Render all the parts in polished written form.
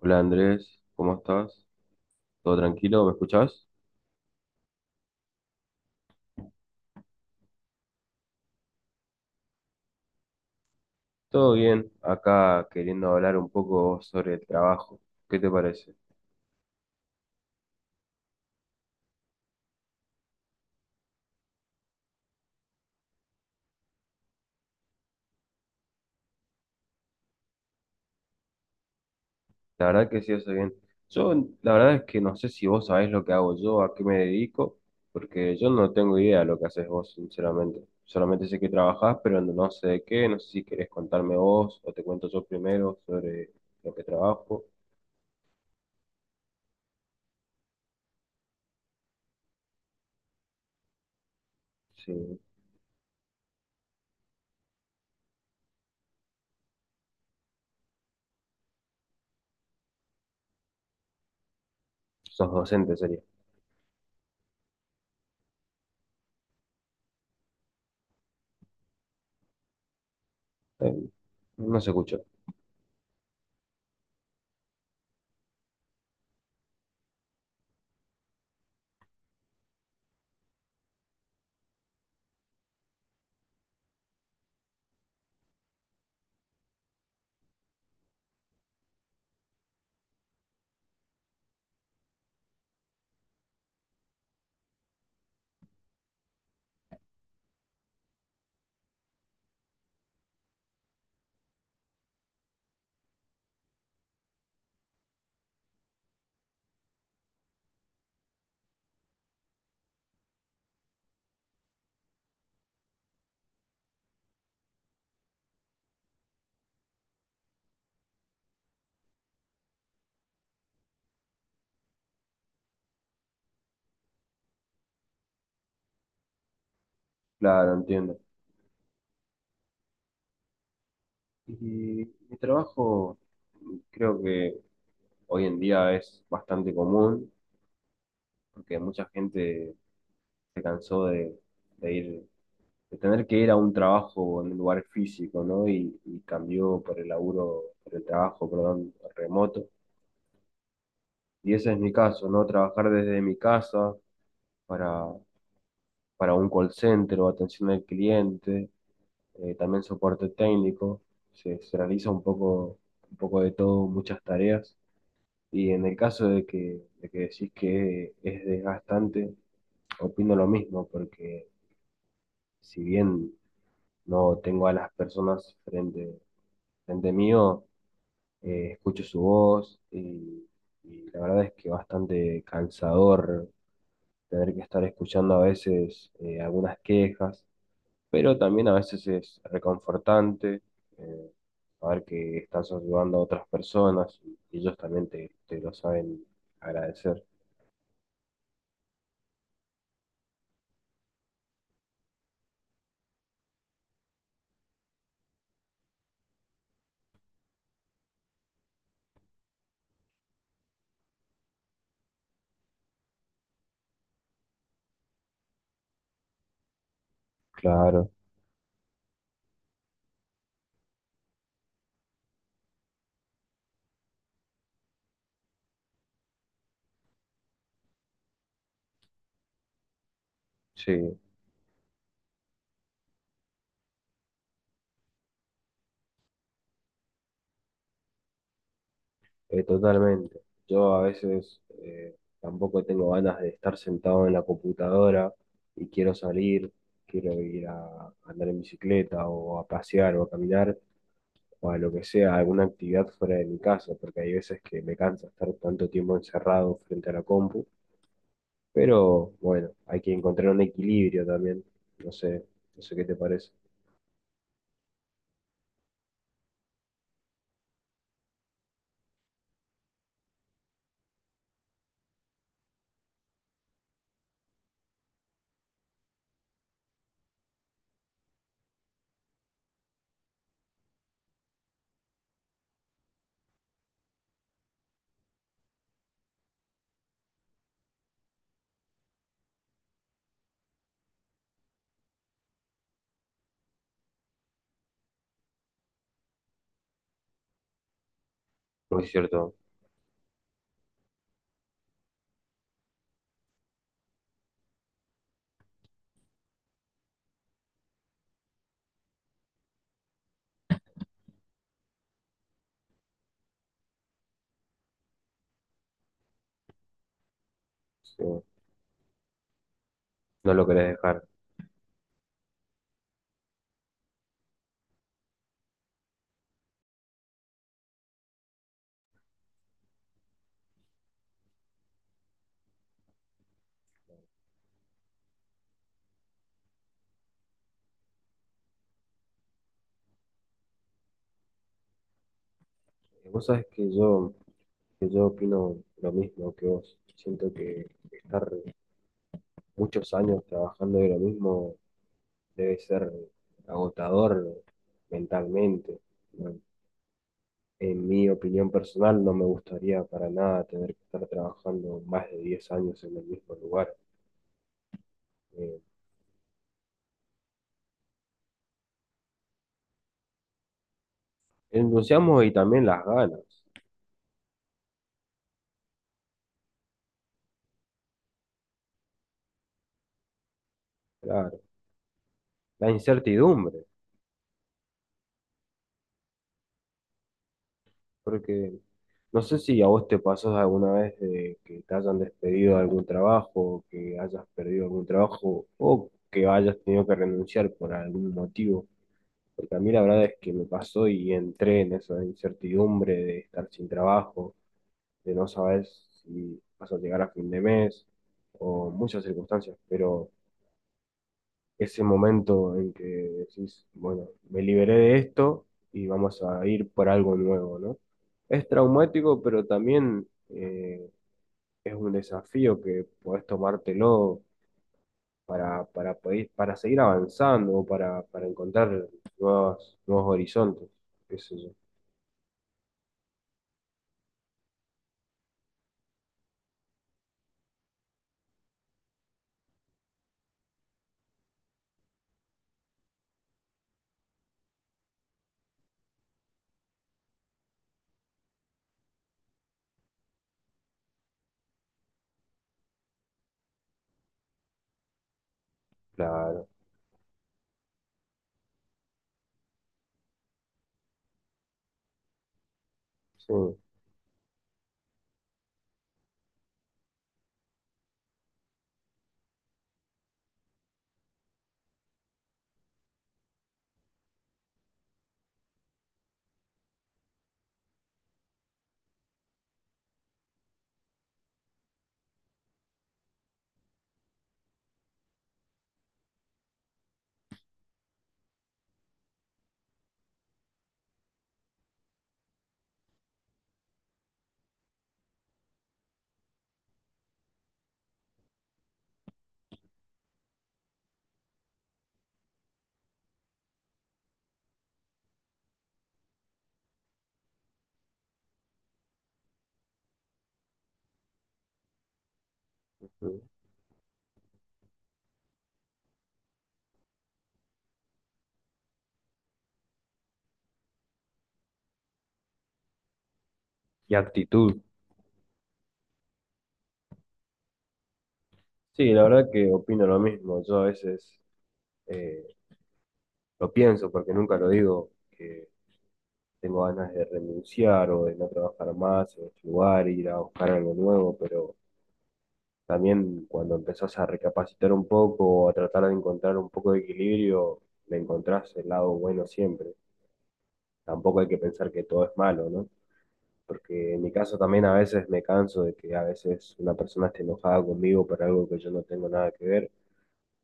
Hola Andrés, ¿cómo estás? ¿Todo tranquilo? ¿Me escuchás? Todo bien, acá queriendo hablar un poco sobre el trabajo. ¿Qué te parece? La verdad que sí, hace bien. Yo, la verdad es que no sé si vos sabés lo que hago yo, a qué me dedico, porque yo no tengo idea de lo que haces vos, sinceramente. Solamente sé que trabajás, pero no sé de qué, no sé si querés contarme vos o te cuento yo primero sobre lo que trabajo. Si sos docente sería. Eh, no se escucha. Claro, entiendo. Y mi trabajo creo que hoy en día es bastante común porque mucha gente se cansó de ir, de tener que ir a un trabajo en un lugar físico, ¿no? Y cambió por el laburo, por el trabajo, perdón, remoto. Y ese es mi caso, ¿no? Trabajar desde mi casa para, para un call center o atención al cliente, también soporte técnico. Se realiza un poco de todo, muchas tareas. Y en el caso de que decís que es desgastante, opino lo mismo, porque si bien no tengo a las personas frente mío, escucho su voz y la verdad es que bastante cansador tener que estar escuchando a veces algunas quejas, pero también a veces es reconfortante eh, saber que estás ayudando a otras personas y ellos también te lo saben agradecer. Claro. Sí, totalmente. Yo a veces tampoco tengo ganas de estar sentado en la computadora y quiero salir, quiero ir a andar en bicicleta o a pasear o a caminar o a lo que sea, alguna actividad fuera de mi casa, porque hay veces que me cansa estar tanto tiempo encerrado frente a la compu, pero bueno, hay que encontrar un equilibrio también. No sé, no sé qué te parece. Muy cierto, sí, no lo querés dejar. Vos sabés que yo opino lo mismo que vos. Siento que estar muchos años trabajando de lo mismo debe ser agotador mentalmente. ¿No? En mi opinión personal, no me gustaría para nada tener que estar trabajando más de 10 años en el mismo lugar. Eh, el entusiasmo y también las ganas, claro, la incertidumbre, porque no sé si a vos te pasó alguna vez de que te hayan despedido de algún trabajo, que hayas perdido algún trabajo o que hayas tenido que renunciar por algún motivo. Porque a mí la verdad es que me pasó y entré en esa incertidumbre de estar sin trabajo, de no saber si vas a llegar a fin de mes o muchas circunstancias. Pero ese momento en que decís, bueno, me liberé de esto y vamos a ir por algo nuevo, ¿no? Es traumático, pero también es un desafío que podés tomártelo para seguir avanzando o para encontrar nuevos, nuevos horizontes. Qué sé yo. Claro, sí. Sí. Y actitud. Sí, la verdad que opino lo mismo. Yo a veces eh, lo pienso porque nunca lo digo que tengo ganas de renunciar o de no trabajar más en este lugar, ir a buscar algo nuevo, pero también cuando empezás a recapacitar un poco o a tratar de encontrar un poco de equilibrio, le encontrás el lado bueno siempre. Tampoco hay que pensar que todo es malo, ¿no? Porque en mi caso también a veces me canso de que a veces una persona esté enojada conmigo por algo que yo no tengo nada que ver.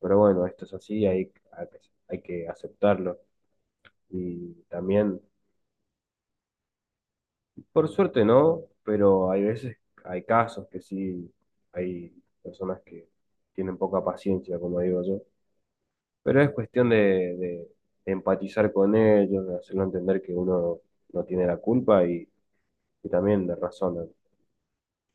Pero bueno, esto es así, hay que aceptarlo. Y también, por suerte no, pero hay veces, hay casos que sí, hay personas que tienen poca paciencia, como digo yo. Pero es cuestión de empatizar con ellos, de hacerlo entender que uno no tiene la culpa y también de razón.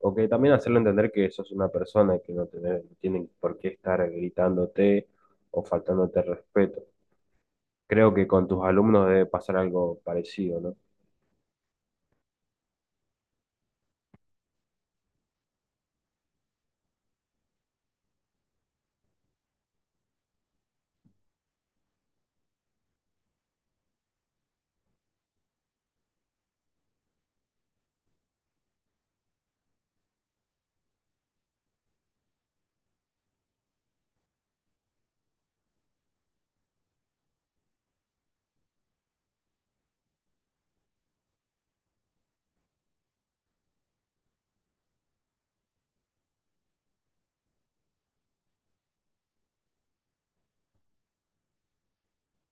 O que también hacerlo entender que sos una persona y que no, no tienen por qué estar gritándote o faltándote respeto. Creo que con tus alumnos debe pasar algo parecido, ¿no?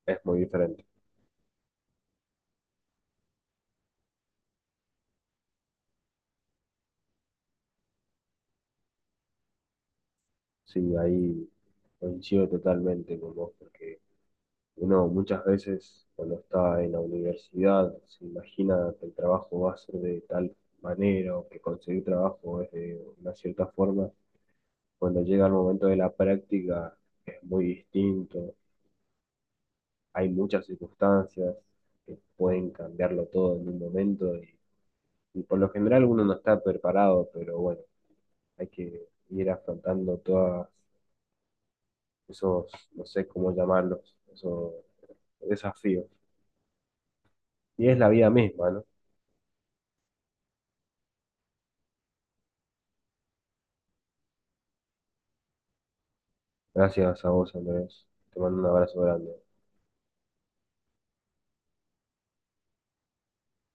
Es muy diferente. Sí, ahí coincido totalmente con vos, porque uno muchas veces cuando está en la universidad se imagina que el trabajo va a ser de tal manera o que conseguir trabajo es de una cierta forma. Cuando llega el momento de la práctica es muy distinto. Hay muchas circunstancias que pueden cambiarlo todo en un momento y por lo general uno no está preparado, pero bueno, hay que ir afrontando todos esos, no sé cómo llamarlos, esos desafíos. Y es la vida misma, ¿no? Gracias a vos, Andrés. Te mando un abrazo grande.